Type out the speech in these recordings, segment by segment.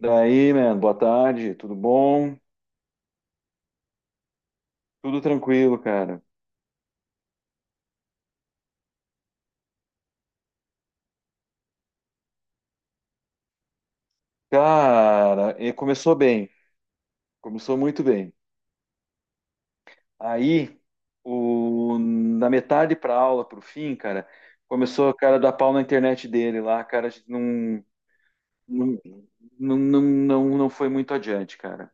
Daí, mano, boa tarde, tudo bom? Tudo tranquilo, cara. Cara, e começou bem, começou muito bem. Aí, o, da metade pra aula, pro fim, cara, começou o cara a dar pau na internet dele lá, cara, a gente não, não, não, não, não foi muito adiante, cara.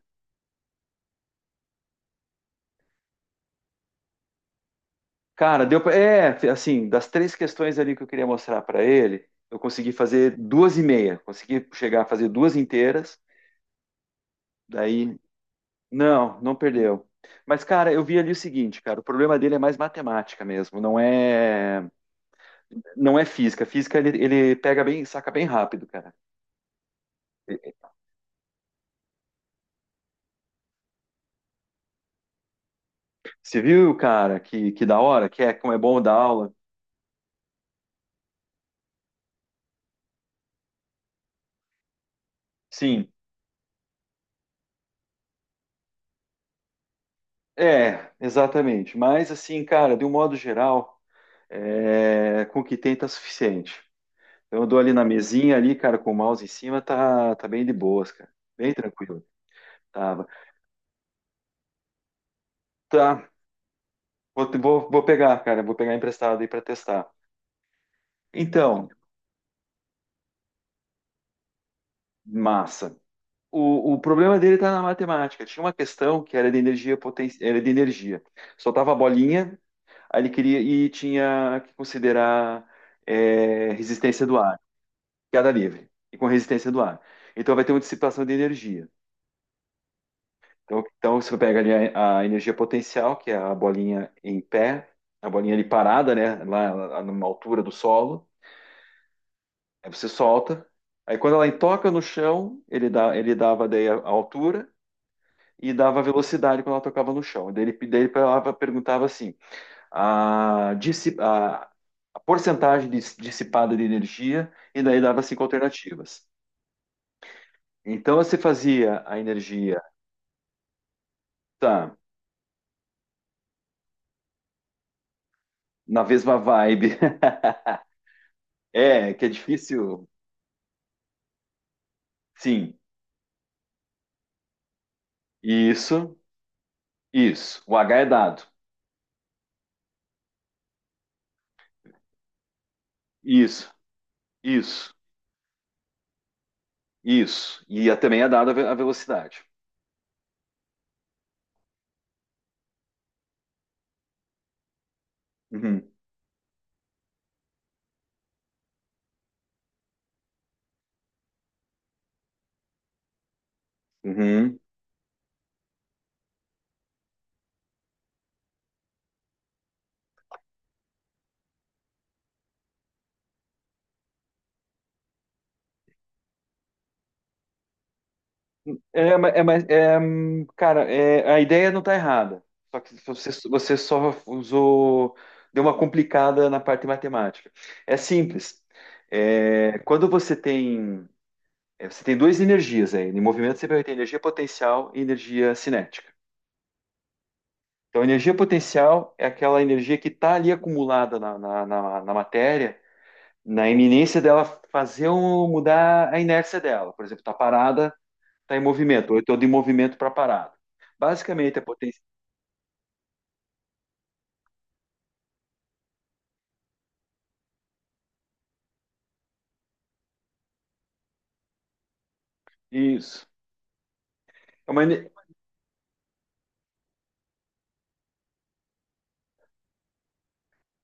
Cara, deu pra, é, assim, das três questões ali que eu queria mostrar pra ele, eu consegui fazer duas e meia, consegui chegar a fazer duas inteiras, daí. Não, não perdeu. Mas, cara, eu vi ali o seguinte, cara, o problema dele é mais matemática mesmo, não é física. Física ele pega bem, saca bem rápido, cara. Você viu, cara, que da hora, que é como é bom dar aula? Sim, é, exatamente. Mas, assim, cara, de um modo geral, é, com o que tem tá suficiente. Então, eu dou ali na mesinha ali, cara, com o mouse em cima, tá, tá bem de boas, cara. Bem tranquilo. Tava. Tá, vou pegar, cara, vou pegar emprestado aí pra testar. Então, massa. O problema dele está na matemática. Tinha uma questão que era de energia potencial, era de energia. Soltava a bolinha, aí ele queria e tinha que considerar resistência do ar, queda livre, e com resistência do ar. Então vai ter uma dissipação de energia. Então, você pega ali a energia potencial, que é a bolinha em pé, a bolinha ali parada, né, lá numa altura do solo, aí você solta. Aí quando ela toca no chão, ele dava daí a altura, e dava velocidade quando ela tocava no chão. Daí ele perguntava assim: a, dissi- a- a porcentagem dissipada de energia, e daí dava cinco alternativas. Então você fazia a energia. Tá, na mesma vibe. É, que é difícil. Sim, isso, isso. O H é dado. Isso, isso, isso. E também é dado a a velocidade. Uhum, uhum. É, é, mas, é, cara, é, a ideia não tá errada. Só que você só usou, deu uma complicada na parte matemática. É simples. É, quando você tem, é, você tem duas energias aí. Em movimento você vai ter energia potencial e energia cinética. Então, a energia potencial é aquela energia que está ali acumulada na matéria, na iminência dela fazer mudar a inércia dela. Por exemplo, está parada. Está em movimento, ou então de movimento para parado. Basicamente, é potência. Isso. É uma, ener-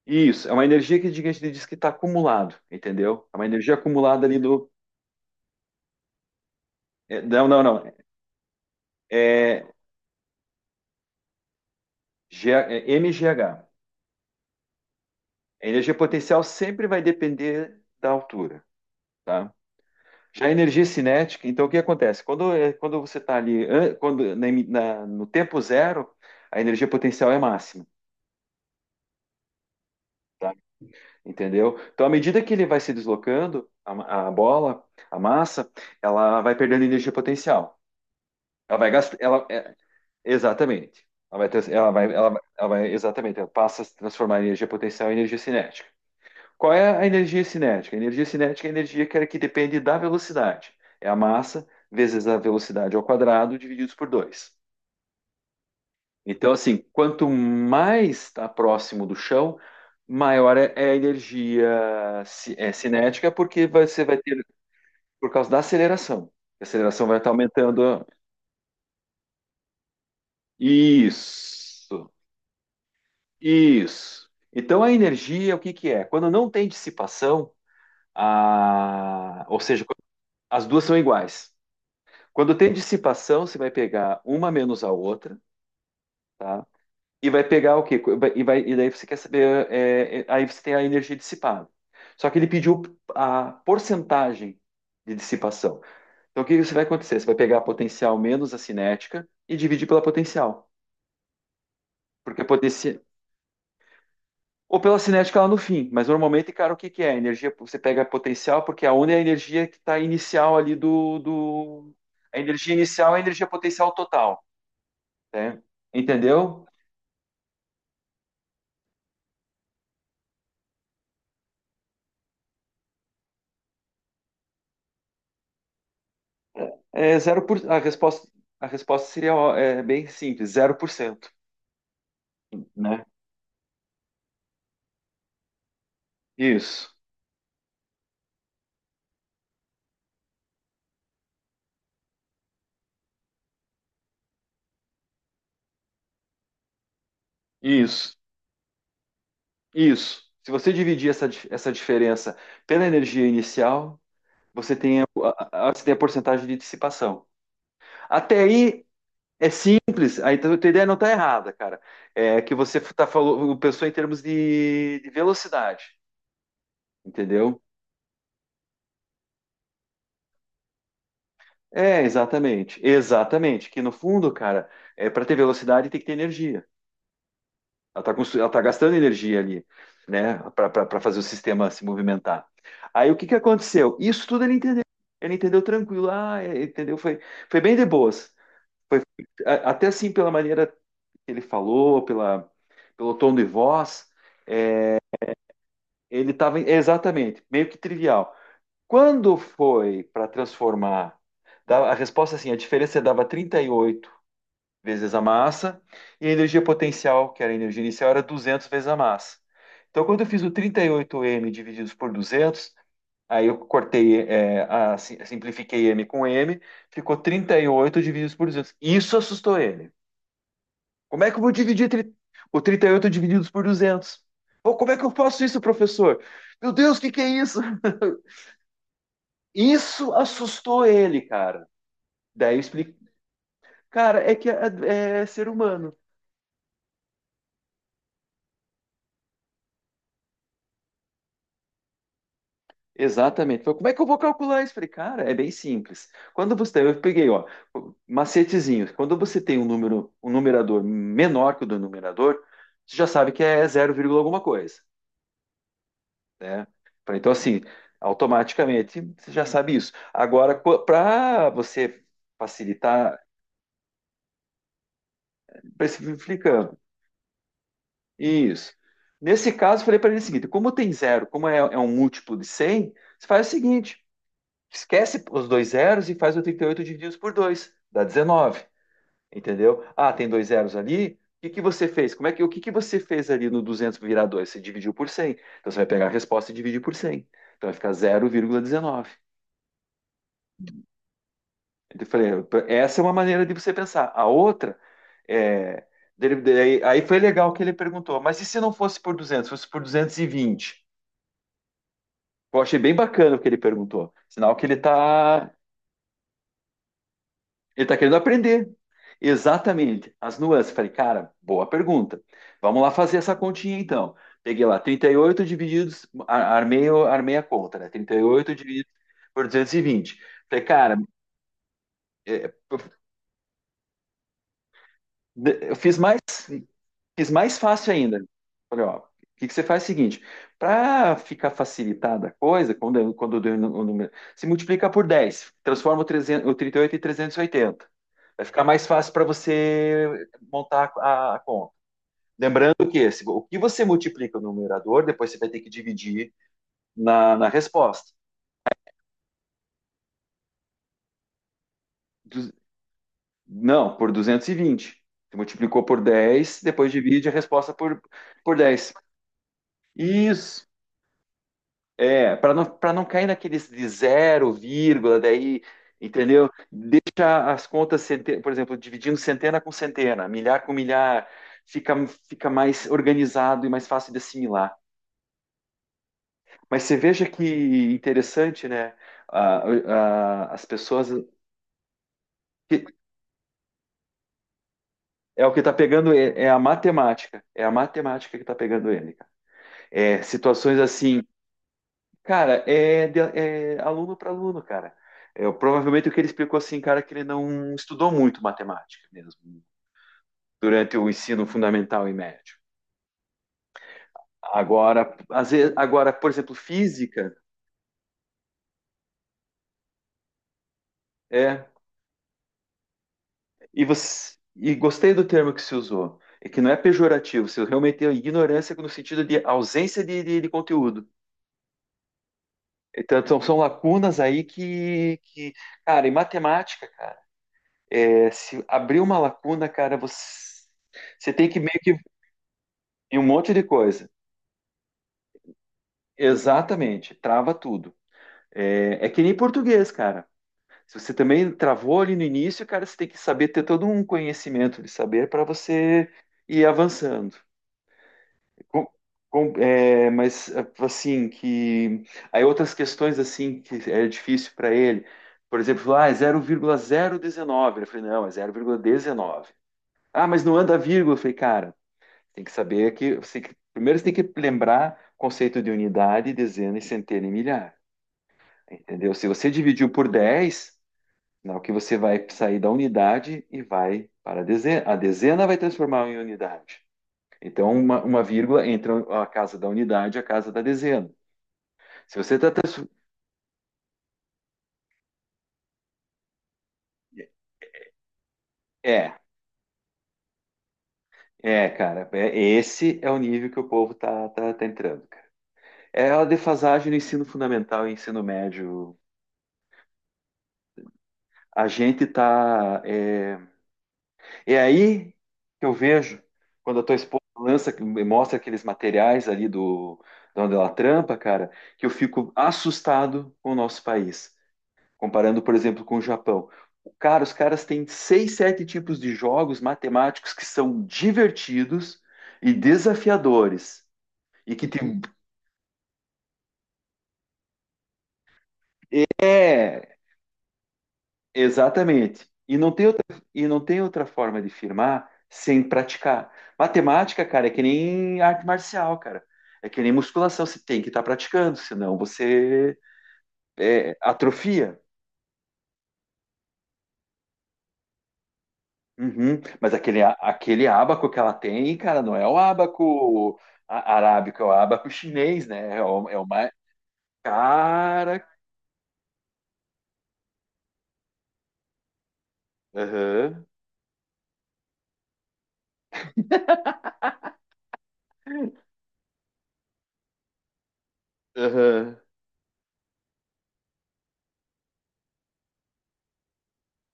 isso, é uma energia que a gente diz que está acumulado, entendeu? É uma energia acumulada ali do. É, não, não, não. É, G, é MGH. A energia potencial sempre vai depender da altura, tá? Já a energia cinética, então o que acontece? Quando você está ali, no tempo zero, a energia potencial é máxima. Tá? Entendeu? Então, à medida que ele vai se deslocando, a bola, a massa, ela vai perdendo energia potencial. Ela vai gastar, exatamente. Ela vai, trans- ela vai, ela, vai- ela vai, exatamente, ela passa a se transformar em energia potencial em energia cinética. Qual é a energia cinética? A energia cinética é a energia que depende da velocidade. É a massa vezes a velocidade ao quadrado divididos por 2. Então, assim, quanto mais está próximo do chão, maior é a energia cinética, porque você vai ter, por causa da aceleração. A aceleração vai estar aumentando. Isso, isso. Então, a energia, o que que é? Quando não tem dissipação, ou seja, as duas são iguais. Quando tem dissipação, você vai pegar uma menos a outra, tá? E vai pegar o quê? E daí você quer saber. Aí você tem a energia dissipada. Só que ele pediu a porcentagem de dissipação. Então o que você vai acontecer? Você vai pegar a potencial menos a cinética e dividir pela potencial. Porque a potencial. Ou pela cinética lá no fim. Mas normalmente, cara, o que que é? A energia, você pega a potencial, porque a onda é a energia que está inicial ali do. A energia inicial é a energia potencial total. Né? Entendeu? A resposta, a resposta seria ó, é bem simples, zero por cento, né? Isso, isso, isso. Se você dividir essa diferença pela energia inicial, você tem a porcentagem de dissipação. Até aí é simples, aí tá, a tua ideia não está errada, cara. É que você tá falou, pensou em termos de velocidade, entendeu? É, exatamente, exatamente. Que no fundo, cara, é, para ter velocidade tem que ter energia. Ela tá gastando energia ali, né, para fazer o sistema se movimentar. Aí o que que aconteceu? Isso tudo ele entendeu. Ele entendeu tranquilo, entendeu? Foi bem de boas. Foi, até assim, pela maneira que ele falou, pelo tom de voz, ele estava exatamente, meio que trivial. Quando foi para transformar, a resposta é assim, a diferença dava 38 vezes a massa, e a energia potencial, que era a energia inicial, era 200 vezes a massa. Então, quando eu fiz o 38M divididos por 200, aí eu cortei, simplifiquei M com M, ficou 38 divididos por 200. Isso assustou ele. Como é que eu vou dividir o 38 divididos por 200? Ou como é que eu faço isso, professor? Meu Deus, o que que é isso? Isso assustou ele, cara. Daí eu explico. Cara, é que é ser humano. Exatamente. Falei, como é que eu vou calcular isso? Falei, cara, é bem simples. Quando você tem, eu peguei, ó, macetezinhos. Quando você tem um número, um numerador menor que o do numerador, você já sabe que é zero vírgula alguma coisa, né? Falei, então, assim, automaticamente você já sabe isso. Agora, para você facilitar, especificando, isso. Nesse caso, eu falei para ele o seguinte: como tem zero, como é um múltiplo de cem, você faz o seguinte. Esquece os dois zeros e faz o 38 divididos por 2 dá 19, entendeu? Ah, tem dois zeros ali. O que que você fez? Como é que o que que você fez ali no 200 virar dois. Você dividiu por cem. Então você vai pegar a resposta e dividir por cem. Então vai ficar 0,19. Então eu falei, essa é uma maneira de você pensar. A outra é aí foi legal que ele perguntou, mas e se não fosse por 200, fosse por 220? Eu achei bem bacana o que ele perguntou. Sinal que ele está querendo aprender. Exatamente. As nuances. Falei, cara, boa pergunta. Vamos lá fazer essa continha então. Peguei lá 38, divididos, ar- armei, o- armei a conta, né? 38 dividido por 220. Falei, cara, é, eu fiz mais fácil ainda. Falei, ó, o que que você faz é o seguinte, para ficar facilitada a coisa, quando eu dei o o número, se multiplica por 10, transforma o, 300, o 38 em 380. Vai ficar mais fácil para você montar a conta. Lembrando que esse, o que você multiplica no numerador, depois você vai ter que dividir na resposta. Du- não, por 220. Você multiplicou por 10, depois divide a resposta por 10. Isso. É, para não cair naqueles de zero, vírgula, daí, entendeu? Deixa as contas, por exemplo, dividindo centena com centena, milhar com milhar, fica, fica mais organizado e mais fácil de assimilar. Mas você veja que interessante, né? A- As pessoas. que- É o que está pegando ele, é a matemática. É a matemática que está pegando ele, cara. É situações assim, cara, é aluno para aluno, cara. É, provavelmente o que ele explicou assim, cara, é que ele não estudou muito matemática mesmo, durante o ensino fundamental e médio. Agora, às vezes, agora, por exemplo, física. É, E você e gostei do termo que se usou. É que não é pejorativo, se realmente é ignorância no sentido de ausência de conteúdo. Então, são lacunas aí cara, em matemática, cara, é, se abrir uma lacuna, cara, você tem que meio que em um monte de coisa. Exatamente, trava tudo. É, é que nem português, cara. Se você também travou ali no início, cara, você tem que saber ter todo um conhecimento de saber para você ir avançando. Com- mas assim que aí outras questões assim que é difícil para ele, por exemplo, ah, é 0,019. Eu falei, não, é 0,19. Ah, mas não anda vírgula. Eu falei, cara, tem que saber que, primeiro você tem que lembrar o conceito de unidade, dezena e centena e milhar, entendeu? Se você dividiu por 10, não, que você vai sair da unidade e vai para a dezena. A dezena vai transformar em unidade. Então, uma vírgula entre a casa da unidade e a casa da dezena. Se você está. É, é, cara. Esse é o nível que o povo tá entrando, cara. É a defasagem no ensino fundamental e ensino médio. A gente tá. É, é aí que eu vejo quando a tua esposa lança, mostra aqueles materiais ali de onde ela trampa, cara, que eu fico assustado com o nosso país. Comparando, por exemplo, com o Japão. Os caras têm seis, sete tipos de jogos matemáticos que são divertidos e desafiadores. E que tem. É, exatamente. E não tem outra forma de firmar sem praticar. Matemática, cara, é que nem arte marcial, cara. É que nem musculação, você tem que estar praticando, senão você atrofia. Uhum. Mas aquele ábaco que ela tem, cara, não é o ábaco arábico, é o ábaco chinês, né? É o mais. Cara. Aham. Aham.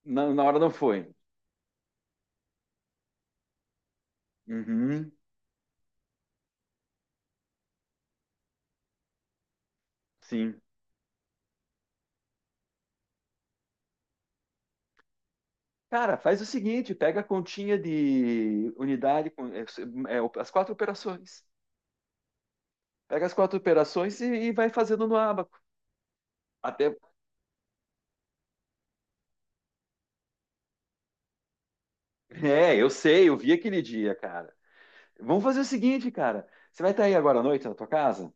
Na hora não foi. Uhum. Sim. Cara, faz o seguinte: pega a continha de unidade, as quatro operações. Pega as quatro operações e vai fazendo no ábaco. Até. É, eu sei, eu vi aquele dia, cara. Vamos fazer o seguinte, cara. Você vai estar aí agora à noite na tua casa?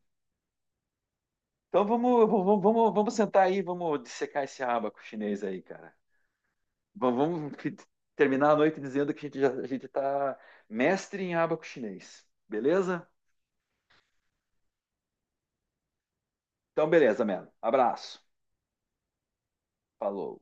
Então vamos sentar aí, vamos dissecar esse abaco chinês aí, cara. Vamos, vamos fi- terminar a noite dizendo que a gente tá mestre em abaco chinês. Beleza? Então, beleza, mano. Abraço. Falou.